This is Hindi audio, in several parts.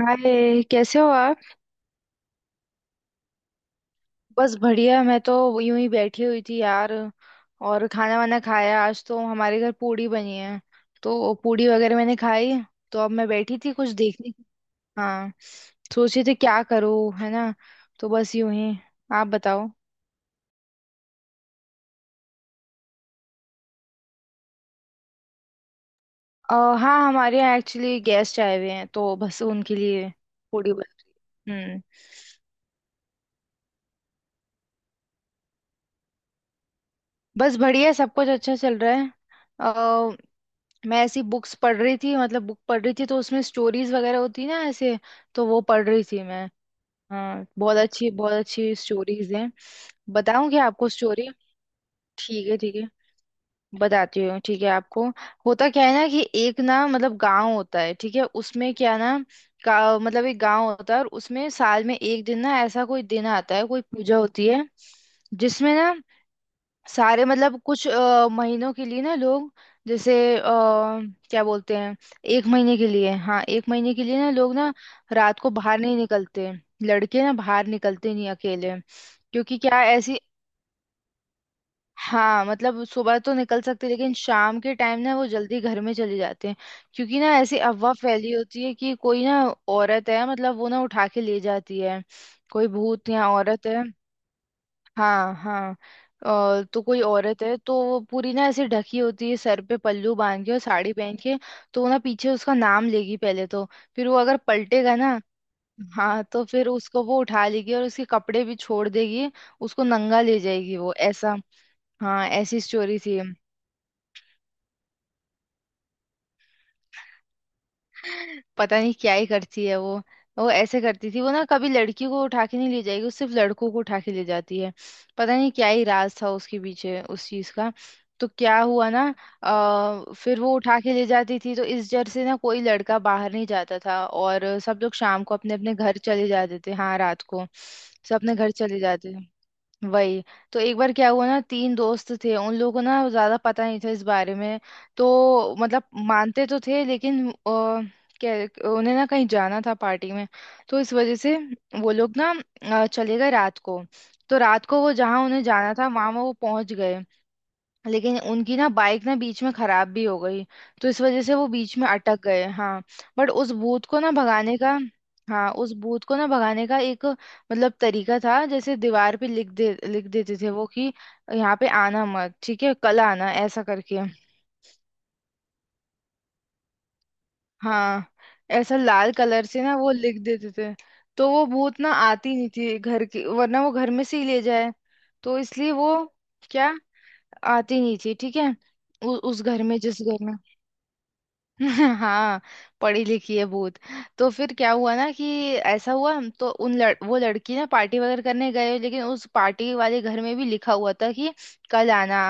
हाय कैसे हो आप। बस बढ़िया मैं तो यूं ही बैठी हुई थी यार। और खाना वाना खाया आज तो हमारे घर पूड़ी बनी है। तो पूड़ी वगैरह मैंने खाई। तो अब मैं बैठी थी कुछ देखने की। हाँ। सोच रही थी क्या करूँ है ना। तो बस यूं ही। आप बताओ। अ, हाँ हमारे यहाँ एक्चुअली गेस्ट आए हुए हैं तो बस उनके लिए पूड़ी बन रही है। हम्म। बस बढ़िया सब कुछ अच्छा चल रहा है। मैं ऐसी बुक्स पढ़ रही थी मतलब बुक पढ़ रही थी तो उसमें स्टोरीज वगैरह होती ना ऐसे। तो वो पढ़ रही थी मैं। हाँ बहुत अच्छी स्टोरीज हैं। बताऊं क्या आपको स्टोरी। ठीक है ठीक है। बताती हूँ ठीक है आपको। होता क्या है ना कि एक ना मतलब गांव होता है ठीक है उसमें क्या ना का मतलब एक गांव होता है और उसमें साल में एक दिन ना ऐसा कोई दिन आता है कोई पूजा होती है। जिसमें ना सारे मतलब कुछ महीनों के लिए ना लोग। जैसे अ, क्या बोलते हैं। एक महीने के लिए हाँ एक महीने के लिए ना लोग ना रात को बाहर नहीं निकलते। लड़के ना बाहर निकलते नहीं अकेले क्योंकि क्या है, ऐसी। हाँ मतलब सुबह तो निकल सकते लेकिन शाम के टाइम ना वो जल्दी घर में चले जाते हैं। क्योंकि ना ऐसी अफवाह फैली होती है कि कोई ना औरत है मतलब वो ना उठा के ले जाती है। कोई भूत या औरत है। हाँ हाँ। तो कोई औरत है तो वो पूरी ना ऐसी ढकी होती है सर पे पल्लू बांध के और साड़ी पहन के। तो वो ना पीछे उसका नाम लेगी पहले तो। फिर वो अगर पलटेगा ना। हाँ तो फिर उसको वो उठा लेगी और उसके कपड़े भी छोड़ देगी। उसको नंगा ले जाएगी वो ऐसा। हाँ ऐसी स्टोरी थी। पता नहीं क्या ही करती है वो। वो ऐसे करती थी वो ना कभी लड़की को उठा के नहीं ले जाएगी वो सिर्फ लड़कों को उठा के ले जाती है। पता नहीं क्या ही राज था उसके पीछे उस चीज का। तो क्या हुआ ना। फिर वो उठा के ले जाती थी तो इस डर से ना कोई लड़का बाहर नहीं जाता था और सब लोग शाम को अपने अपने घर चले जाते थे हाँ रात को सब अपने घर चले जाते थे। वही। तो एक बार क्या हुआ ना तीन दोस्त थे उन लोगों को ना ज्यादा पता नहीं था इस बारे में। तो मतलब मानते तो थे लेकिन क्या उन्हें ना कहीं जाना था पार्टी में। तो इस वजह से वो लोग ना चले गए रात को। तो रात को वो जहाँ उन्हें जाना था वहां वो पहुंच गए। लेकिन उनकी ना बाइक ना बीच में खराब भी हो गई। तो इस वजह से वो बीच में अटक गए हाँ। बट उस भूत को ना भगाने का। हाँ उस भूत को ना भगाने का एक मतलब तरीका था जैसे दीवार पे लिख देते थे वो कि यहाँ पे आना मत ठीक है कल आना ऐसा करके। हाँ ऐसा लाल कलर से ना वो लिख देते थे। तो वो भूत ना आती नहीं थी घर की वरना वो घर में से ही ले जाए। तो इसलिए वो क्या आती नहीं थी ठीक है। उस घर में जिस घर में हाँ पढ़ी लिखी है भूत। तो फिर क्या हुआ ना कि ऐसा हुआ हम तो उन लड़, वो लड़की ना पार्टी वगैरह करने गए लेकिन उस पार्टी वाले घर में भी लिखा हुआ था कि कल आना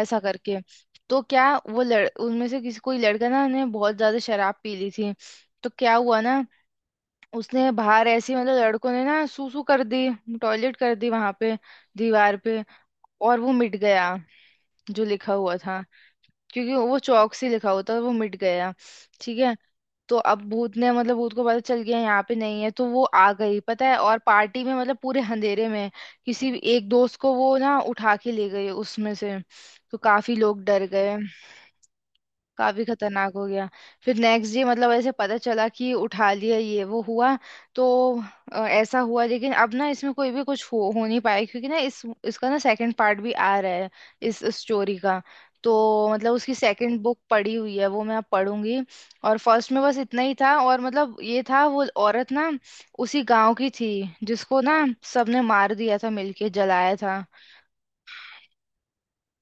ऐसा करके। तो क्या वो लड़ उनमें से किसी कोई लड़का ना ने बहुत ज्यादा शराब पी ली थी। तो क्या हुआ ना उसने बाहर ऐसे मतलब लड़कों ने ना सूसू कर दी टॉयलेट कर दी वहां पे दीवार पे और वो मिट गया जो लिखा हुआ था क्योंकि वो चौक से लिखा हुआ था वो मिट गया। ठीक है। तो अब भूत ने मतलब भूत को पता चल गया यहाँ पे नहीं है तो वो आ गई पता है और पार्टी में मतलब पूरे अंधेरे में किसी एक दोस्त को वो ना उठा के ले गई उसमें से। तो काफी लोग डर गए। काफी खतरनाक हो गया। फिर नेक्स्ट डे मतलब ऐसे पता चला कि उठा लिया ये वो हुआ। तो ऐसा हुआ लेकिन अब ना इसमें कोई भी कुछ हो नहीं पाया क्योंकि ना इस इसका ना सेकंड पार्ट भी आ रहा है इस स्टोरी का। तो मतलब उसकी सेकंड बुक पड़ी हुई है वो मैं अब पढ़ूंगी। और फर्स्ट में बस इतना ही था और मतलब ये था वो औरत ना उसी गांव की थी जिसको ना सबने मार दिया था मिलके जलाया था।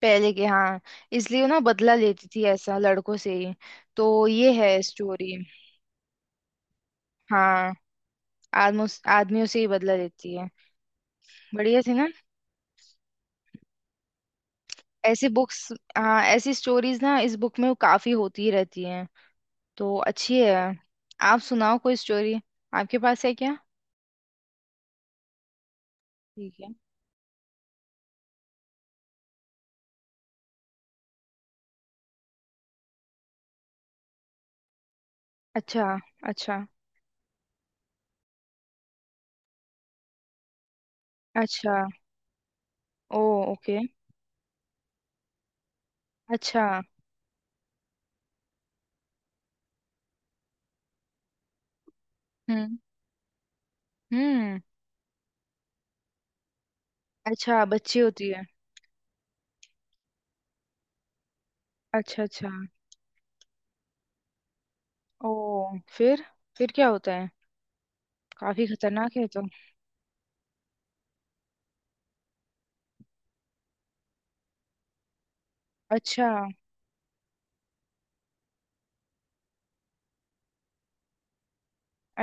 पहले के हाँ। इसलिए वो ना बदला लेती थी ऐसा लड़कों से ही। तो ये है स्टोरी। हाँ आदमों आदमियों से ही बदला लेती है। बढ़िया थी ना। ऐसी बुक्स हाँ ऐसी स्टोरीज ना इस बुक में काफी होती ही रहती हैं। तो अच्छी है। आप सुनाओ कोई स्टोरी आपके पास है क्या। ठीक है। अच्छा। अच्छा। अच्छा। ओ। ओके। अच्छा। हम्म हम्म। अच्छा बच्ची होती है। अच्छा अच्छा। ओ। फिर फिर क्या होता है। काफी खतरनाक है तो। अच्छा।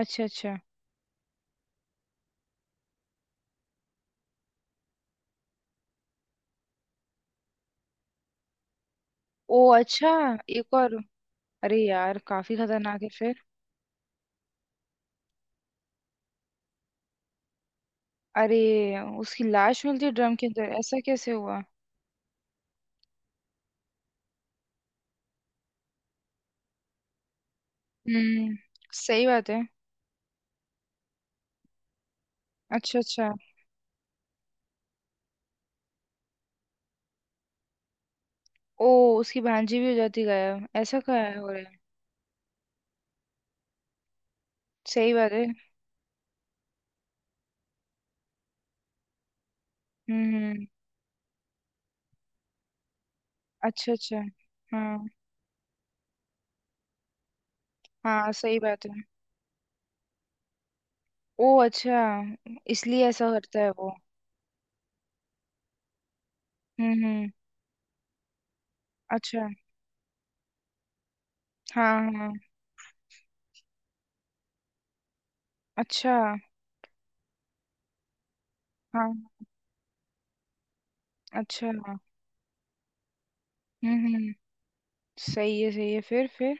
अच्छा। अच्छा। ओ अच्छा। एक और। अरे यार काफी खतरनाक है फिर। अरे। उसकी लाश मिलती है ड्रम के अंदर ऐसा कैसे हुआ। हम्म। सही बात है। अच्छा। अच्छा। ओ। उसकी भांजी भी हो जाती गायब ऐसा क्या है हो रहा है। सही बात है। हम्म। अच्छा। अच्छा। हाँ हाँ सही बात है। ओ अच्छा। इसलिए ऐसा करता है वो। हम्म। अच्छा। हाँ हाँ। अच्छा। हाँ। अच्छा। हम्म। सही है फिर फिर।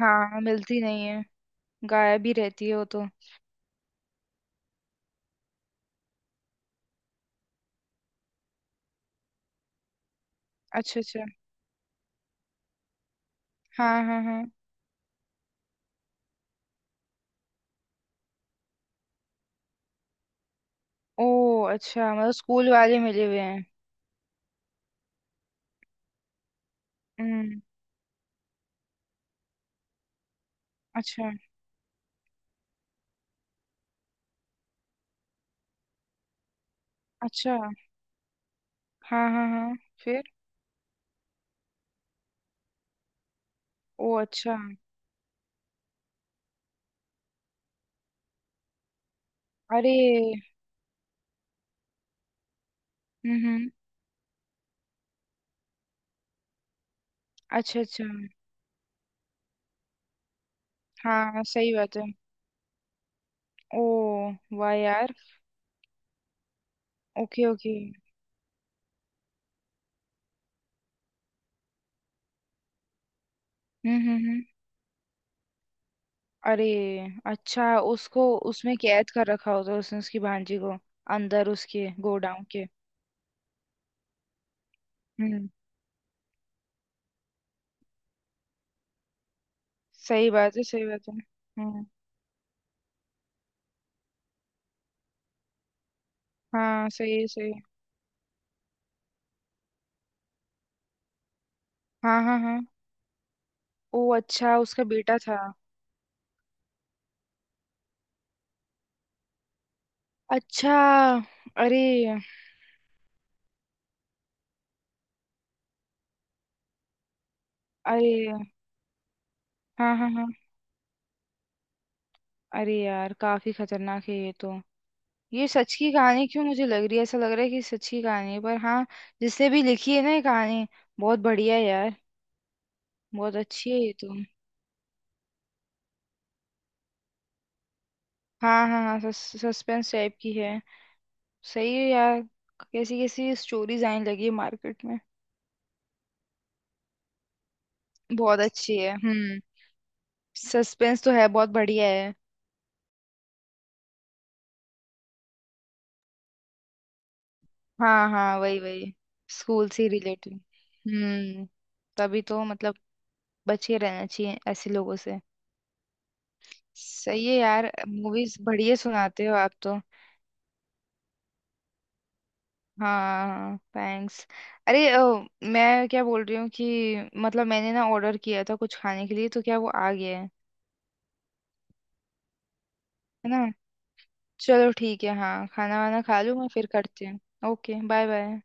हाँ मिलती नहीं है। गायब ही रहती है वो तो। अच्छा अच्छा। हाँ हाँ हाँ। ओ अच्छा मतलब स्कूल वाले मिले हुए हैं। हम्म। अच्छा। अच्छा। हाँ हाँ हाँ। फिर। ओ अच्छा। अरे। हम्म। अच्छा अच्छा। हाँ सही बात है। ओ। वाह यार। Okay okay. हम्म। अरे। अच्छा। उसको उसमें कैद कर रखा होता है उसने उसकी भांजी को अंदर उसके गोडाउन के। हम्म। सही बात है सही बात है। हम्म। हाँ सही है, सही है। हाँ हाँ हाँ। ओ अच्छा उसका बेटा था। अच्छा। अरे। अरे। हाँ हाँ हाँ। अरे यार काफी खतरनाक है ये तो। ये सच की कहानी क्यों मुझे लग रही है ऐसा लग रहा है कि सच की कहानी है पर हाँ जिसने भी लिखी है ना ये कहानी बहुत बढ़िया है यार। बहुत अच्छी है ये तो। हाँ हाँ हाँ सस्पेंस टाइप की है। सही है यार कैसी कैसी स्टोरीज आने लगी है मार्केट में। बहुत अच्छी है हम्म। सस्पेंस तो है बहुत बढ़िया है। हाँ हाँ वही वही। स्कूल से रिलेटेड। हम्म। तभी तो मतलब बचे रहना चाहिए ऐसे लोगों से। सही है यार मूवीज बढ़िया सुनाते हो आप तो। हाँ थैंक्स। अरे मैं क्या बोल रही हूँ कि मतलब मैंने ना ऑर्डर किया था कुछ खाने के लिए तो क्या वो आ गया है। है ना। चलो ठीक है हाँ खाना वाना खा लूँ मैं फिर करती हूँ ओके बाय बाय।